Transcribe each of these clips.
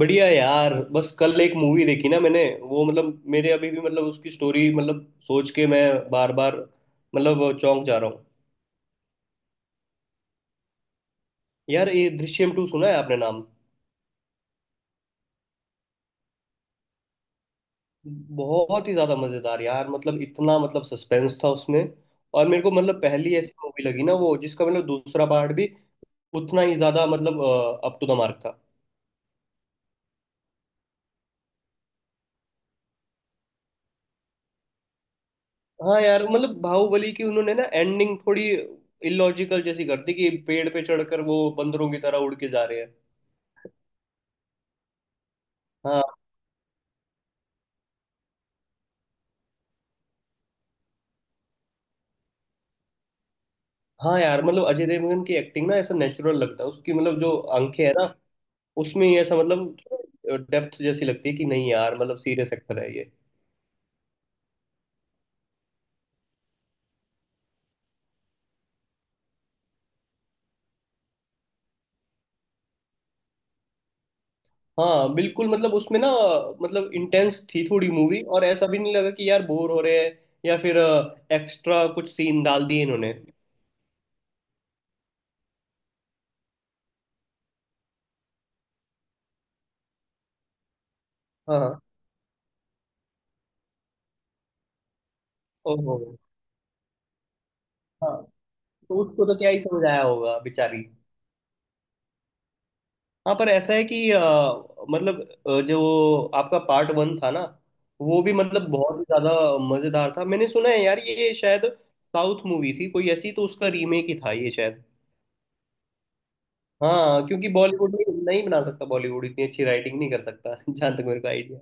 बढ़िया यार। बस कल एक मूवी देखी ना मैंने, वो मतलब, मेरे अभी भी मतलब उसकी स्टोरी मतलब सोच के मैं बार बार मतलब चौंक जा रहा हूँ। यार ये दृश्यम टू सुना है आपने नाम? बहुत ही ज्यादा मजेदार यार। मतलब इतना मतलब सस्पेंस था उसमें। और मेरे को मतलब पहली ऐसी मूवी लगी ना वो, जिसका मतलब दूसरा पार्ट भी उतना ही ज्यादा मतलब अप टू द मार्क था। हाँ यार, मतलब बाहुबली की उन्होंने ना एंडिंग थोड़ी इलॉजिकल जैसी कर दी कि पेड़ पे चढ़कर वो बंदरों की तरह उड़ के जा रहे हैं। हाँ। हाँ यार, मतलब अजय देवगन की एक्टिंग ना ऐसा नेचुरल लगता है, उसकी मतलब जो आंखें है ना उसमें ही ऐसा मतलब डेप्थ जैसी लगती है कि नहीं यार। मतलब सीरियस एक्टर है ये। हाँ बिल्कुल। मतलब उसमें ना मतलब इंटेंस थी थोड़ी मूवी और ऐसा भी नहीं लगा कि यार बोर हो रहे हैं या फिर एक्स्ट्रा कुछ सीन डाल दिए इन्होंने। हाँ। ओहो। हाँ। तो उसको तो क्या ही समझ आया होगा बेचारी। हाँ पर ऐसा है कि मतलब जो आपका पार्ट वन था ना वो भी मतलब बहुत ही ज्यादा मजेदार था। मैंने सुना है यार, ये शायद साउथ मूवी थी कोई ऐसी, तो उसका रीमेक ही था ये शायद। हाँ, क्योंकि बॉलीवुड में नहीं बना सकता, बॉलीवुड इतनी अच्छी राइटिंग नहीं कर सकता जहाँ तक मेरे को आइडिया।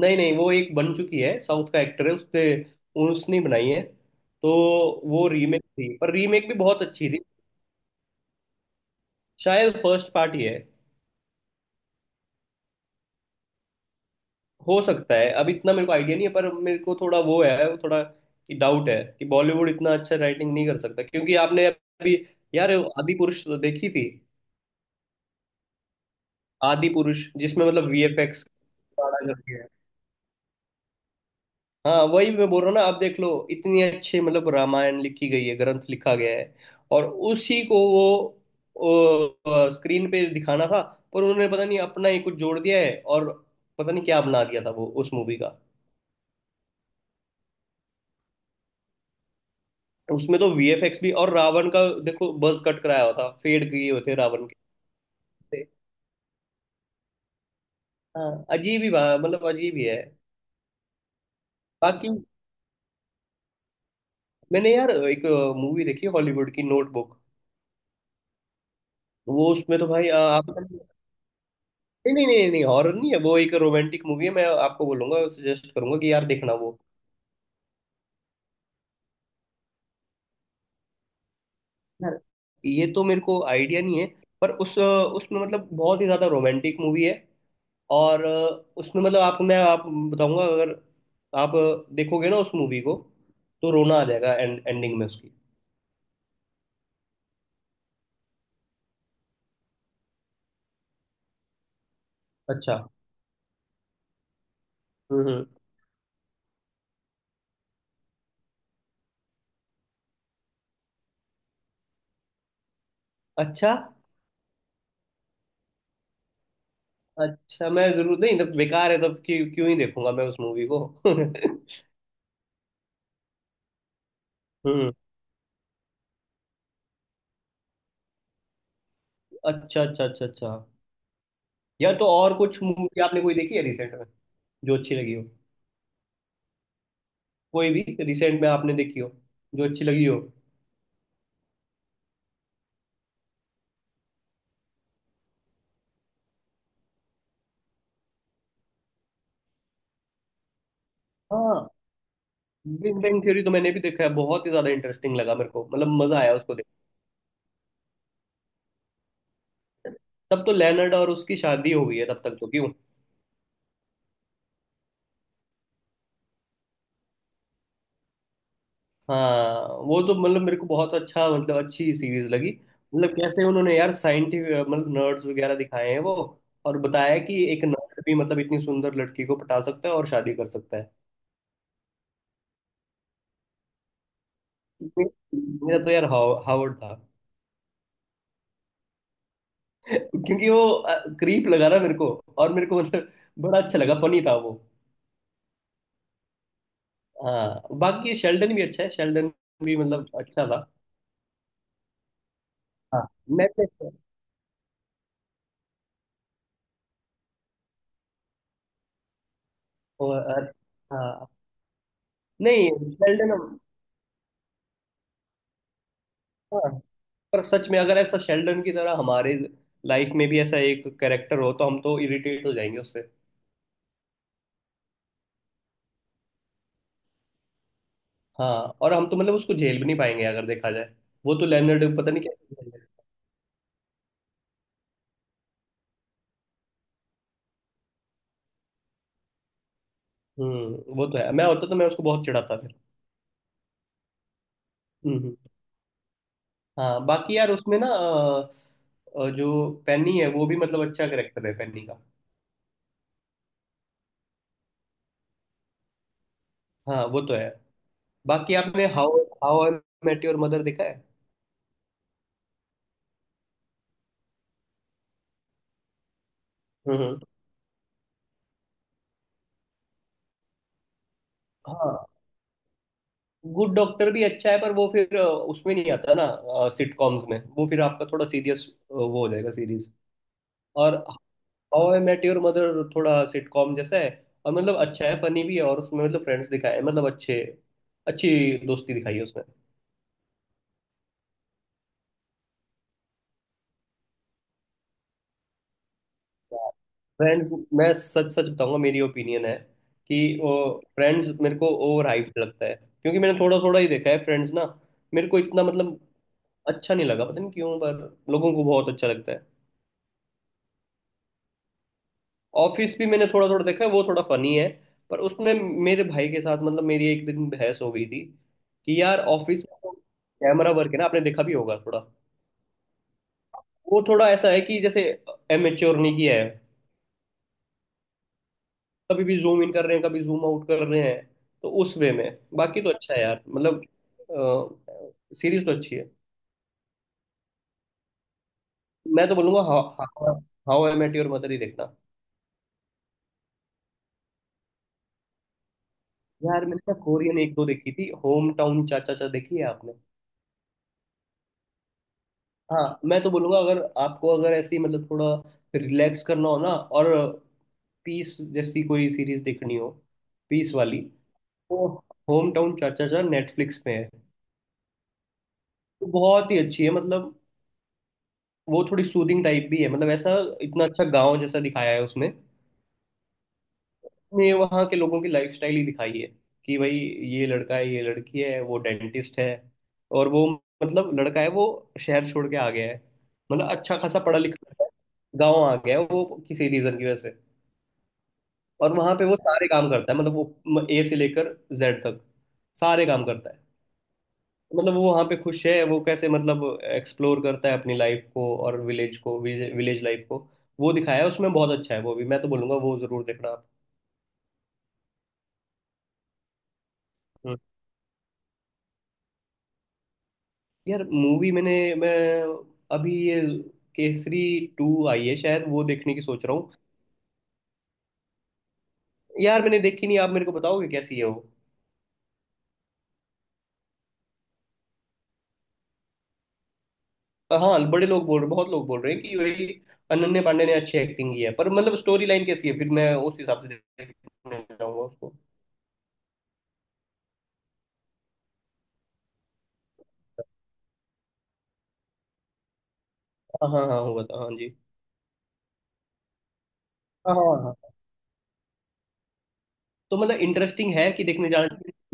नहीं नहीं, वो एक बन चुकी है, साउथ का एक्टर है, उसने उसने बनाई है तो। वो रीमेक थी पर रीमेक भी बहुत अच्छी थी। शायद फर्स्ट पार्ट ही है। हो सकता है, अब इतना मेरे को आइडिया नहीं है, पर मेरे को थोड़ा वो है, वो थोड़ा डाउट है कि बॉलीवुड इतना अच्छा राइटिंग नहीं कर सकता, क्योंकि आपने अभी यार आदि पुरुष तो देखी थी। आदि पुरुष जिसमें मतलब वीएफएक्स। हाँ वही मैं बोल रहा हूँ ना। आप देख लो, इतनी अच्छी मतलब रामायण लिखी गई है, ग्रंथ लिखा गया है, और उसी को वो स्क्रीन पे दिखाना था, पर उन्होंने पता नहीं अपना ही कुछ जोड़ दिया है और पता नहीं क्या बना दिया था वो उस मूवी का। उसमें तो वीएफएक्स भी, और रावण का देखो बuzz कट कराया हुआ था, फेड किए हुए थे रावण के। हाँ, अजीब ही मतलब अजीब ही है। बाकी मैंने यार एक मूवी देखी हॉलीवुड की, नोटबुक। वो उसमें तो भाई आप। नहीं नहीं नहीं नहीं, हॉरर नहीं है वो, एक रोमांटिक मूवी है। मैं आपको बोलूंगा, सजेस्ट करूंगा कि यार देखना वो। यार ये तो मेरे को आइडिया नहीं है, पर उस उसमें मतलब बहुत ही ज्यादा रोमांटिक मूवी है। और उसमें मतलब आपको, मैं आप बताऊंगा, अगर आप देखोगे ना उस मूवी को तो रोना आ जाएगा एंडिंग में उसकी। अच्छा। हम्म हम्म। अच्छा अच्छा। मैं जरूर नहीं, जब बेकार है तब क्यों क्यों ही देखूंगा मैं उस मूवी को हम्म। अच्छा अच्छा अच्छा अच्छा। यार तो और कुछ मूवी आपने कोई देखी है रिसेंट में जो अच्छी लगी हो? कोई भी रिसेंट में आपने देखी हो जो अच्छी लगी हो? हाँ। बिग बैंग थ्योरी तो मैंने भी देखा है, बहुत ही ज्यादा इंटरेस्टिंग लगा मेरे को, मतलब मजा आया उसको। तब तो लेनर्ड और उसकी शादी हो गई है तब तक तो, क्यों? हाँ। वो तो मतलब मेरे को बहुत अच्छा, मतलब अच्छी सीरीज लगी। मतलब कैसे उन्होंने यार साइंटिफिक मतलब नर्ड्स वगैरह दिखाए हैं वो, और बताया कि एक नर्ड भी मतलब इतनी सुंदर लड़की को पटा सकता है और शादी कर सकता है। मेरा तो यार हावर्ड था। क्योंकि वो क्रीप लगा ना मेरे को, और मेरे को मतलब बड़ा अच्छा लगा, फनी था वो। हाँ। बाकी शेल्डन भी अच्छा है, शेल्डन भी मतलब अच्छा था। हाँ। नेटफ्लिक्स। हाँ। नहीं, शेल्डन। हाँ पर सच में अगर ऐसा शेल्डन की तरह हमारे लाइफ में भी ऐसा एक कैरेक्टर हो तो हम तो इरिटेट हो जाएंगे उससे। हाँ। और हम तो मतलब उसको झेल भी नहीं पाएंगे अगर देखा जाए। वो तो लेनर्ड पता नहीं क्या। हम्म। वो तो है, मैं होता तो मैं उसको बहुत चिढ़ाता फिर। हम्म हम्म। हाँ बाकी यार उसमें ना जो पेनी है वो भी मतलब अच्छा करेक्टर है पेनी का। हाँ वो तो है। बाकी आपने how how I met your mother देखा है? हम्म। हाँ गुड डॉक्टर भी अच्छा है, पर वो फिर उसमें नहीं आता ना सिटकॉम्स में, वो फिर आपका थोड़ा सीरियस वो हो जाएगा सीरीज। और how I met your mother थोड़ा सिटकॉम जैसा है, और मतलब अच्छा है, फनी भी है, और उसमें मतलब फ्रेंड्स दिखाए हैं, मतलब अच्छे, अच्छी दोस्ती दिखाई है उसमें। फ्रेंड्स, मैं सच सच बताऊंगा, मेरी ओपिनियन है कि वो फ्रेंड्स मेरे को ओवर हाइप लगता है, क्योंकि मैंने थोड़ा थोड़ा ही देखा है फ्रेंड्स ना। मेरे को इतना मतलब अच्छा नहीं लगा, पता नहीं क्यों, पर लोगों को बहुत अच्छा लगता है। ऑफिस भी मैंने थोड़ा थोड़ा देखा है, वो थोड़ा फनी है, पर उसमें मेरे भाई के साथ मतलब मेरी एक दिन बहस हो गई थी कि यार ऑफिस में तो कैमरा वर्क है ना, आपने देखा भी होगा थोड़ा, वो थोड़ा ऐसा है कि जैसे एमेच्योर नहीं किया है, कभी भी जूम इन कर रहे हैं कभी जूम आउट कर रहे हैं। तो उस वे में, बाकी तो अच्छा है यार, मतलब सीरीज तो अच्छी है। मैं तो बोलूंगा how I met your mother ही देखना। यार मैंने ना कोरियन एक दो देखी थी, होम टाउन चाचा चा, देखी है आपने? हाँ, मैं तो बोलूंगा अगर आपको अगर ऐसी मतलब थोड़ा रिलैक्स करना हो ना, और पीस जैसी कोई सीरीज देखनी हो, पीस वाली, तो होम टाउन चाचा चाचा नेटफ्लिक्स पे है, तो बहुत ही अच्छी है। मतलब वो थोड़ी सूदिंग टाइप भी है, मतलब ऐसा इतना अच्छा गांव जैसा दिखाया है उसमें ने, वहाँ के लोगों की लाइफस्टाइल ही दिखाई है कि भाई ये लड़का है, ये लड़की है, वो डेंटिस्ट है, और वो मतलब लड़का है, वो शहर छोड़ के आ गया है, मतलब अच्छा खासा पढ़ा लिखा है, गाँव आ गया है वो किसी रीजन की वजह से, और वहां पे वो सारे काम करता है, मतलब वो ए से लेकर जेड तक सारे काम करता है। मतलब वो वहां पे खुश है, वो कैसे मतलब एक्सप्लोर करता है अपनी लाइफ को, और विलेज को, विलेज लाइफ को, वो दिखाया है उसमें। बहुत अच्छा है वो भी, मैं तो बोलूंगा वो जरूर देखना आप। हम्म। यार मूवी मैं अभी ये केसरी टू आई है शायद, वो देखने की सोच रहा हूँ। यार मैंने देखी नहीं, आप मेरे को बताओगे कैसी है वो? हाँ बड़े लोग बोल रहे, बहुत लोग बोल रहे हैं कि वही अनन्या पांडे ने अच्छी एक्टिंग की है, पर मतलब स्टोरी लाइन कैसी है फिर मैं उस हिसाब से देखने जाऊंगा उसको। हाँ हाँ हाँ, होगा तो, हाँ जी। हाँ हाँ हाँ, तो मतलब इंटरेस्टिंग है कि देखने जाना चाहिए।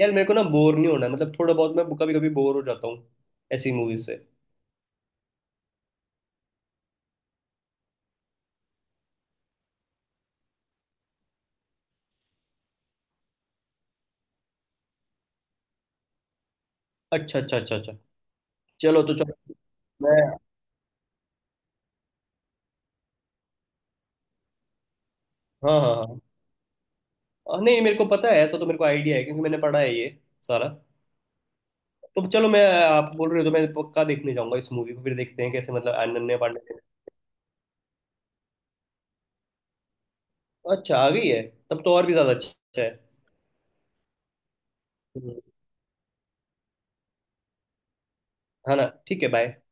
यार मेरे को ना बोर नहीं होना है, मतलब थोड़ा बहुत मैं कभी कभी बोर हो जाता हूँ ऐसी मूवीज से। अच्छा अच्छा अच्छा अच्छा। चलो तो, चलो मैं। हाँ हाँ हाँ, नहीं मेरे को पता है ऐसा, तो मेरे को आइडिया है क्योंकि मैंने पढ़ा है ये सारा। तो चलो, मैं, आप बोल रहे हो तो मैं पक्का देखने जाऊंगा इस मूवी को, फिर देखते हैं कैसे, मतलब अनन्या पांडे। अच्छा आ गई है, तब तो और भी ज्यादा अच्छा है। हम्म। हाँ ना ठीक है बाय।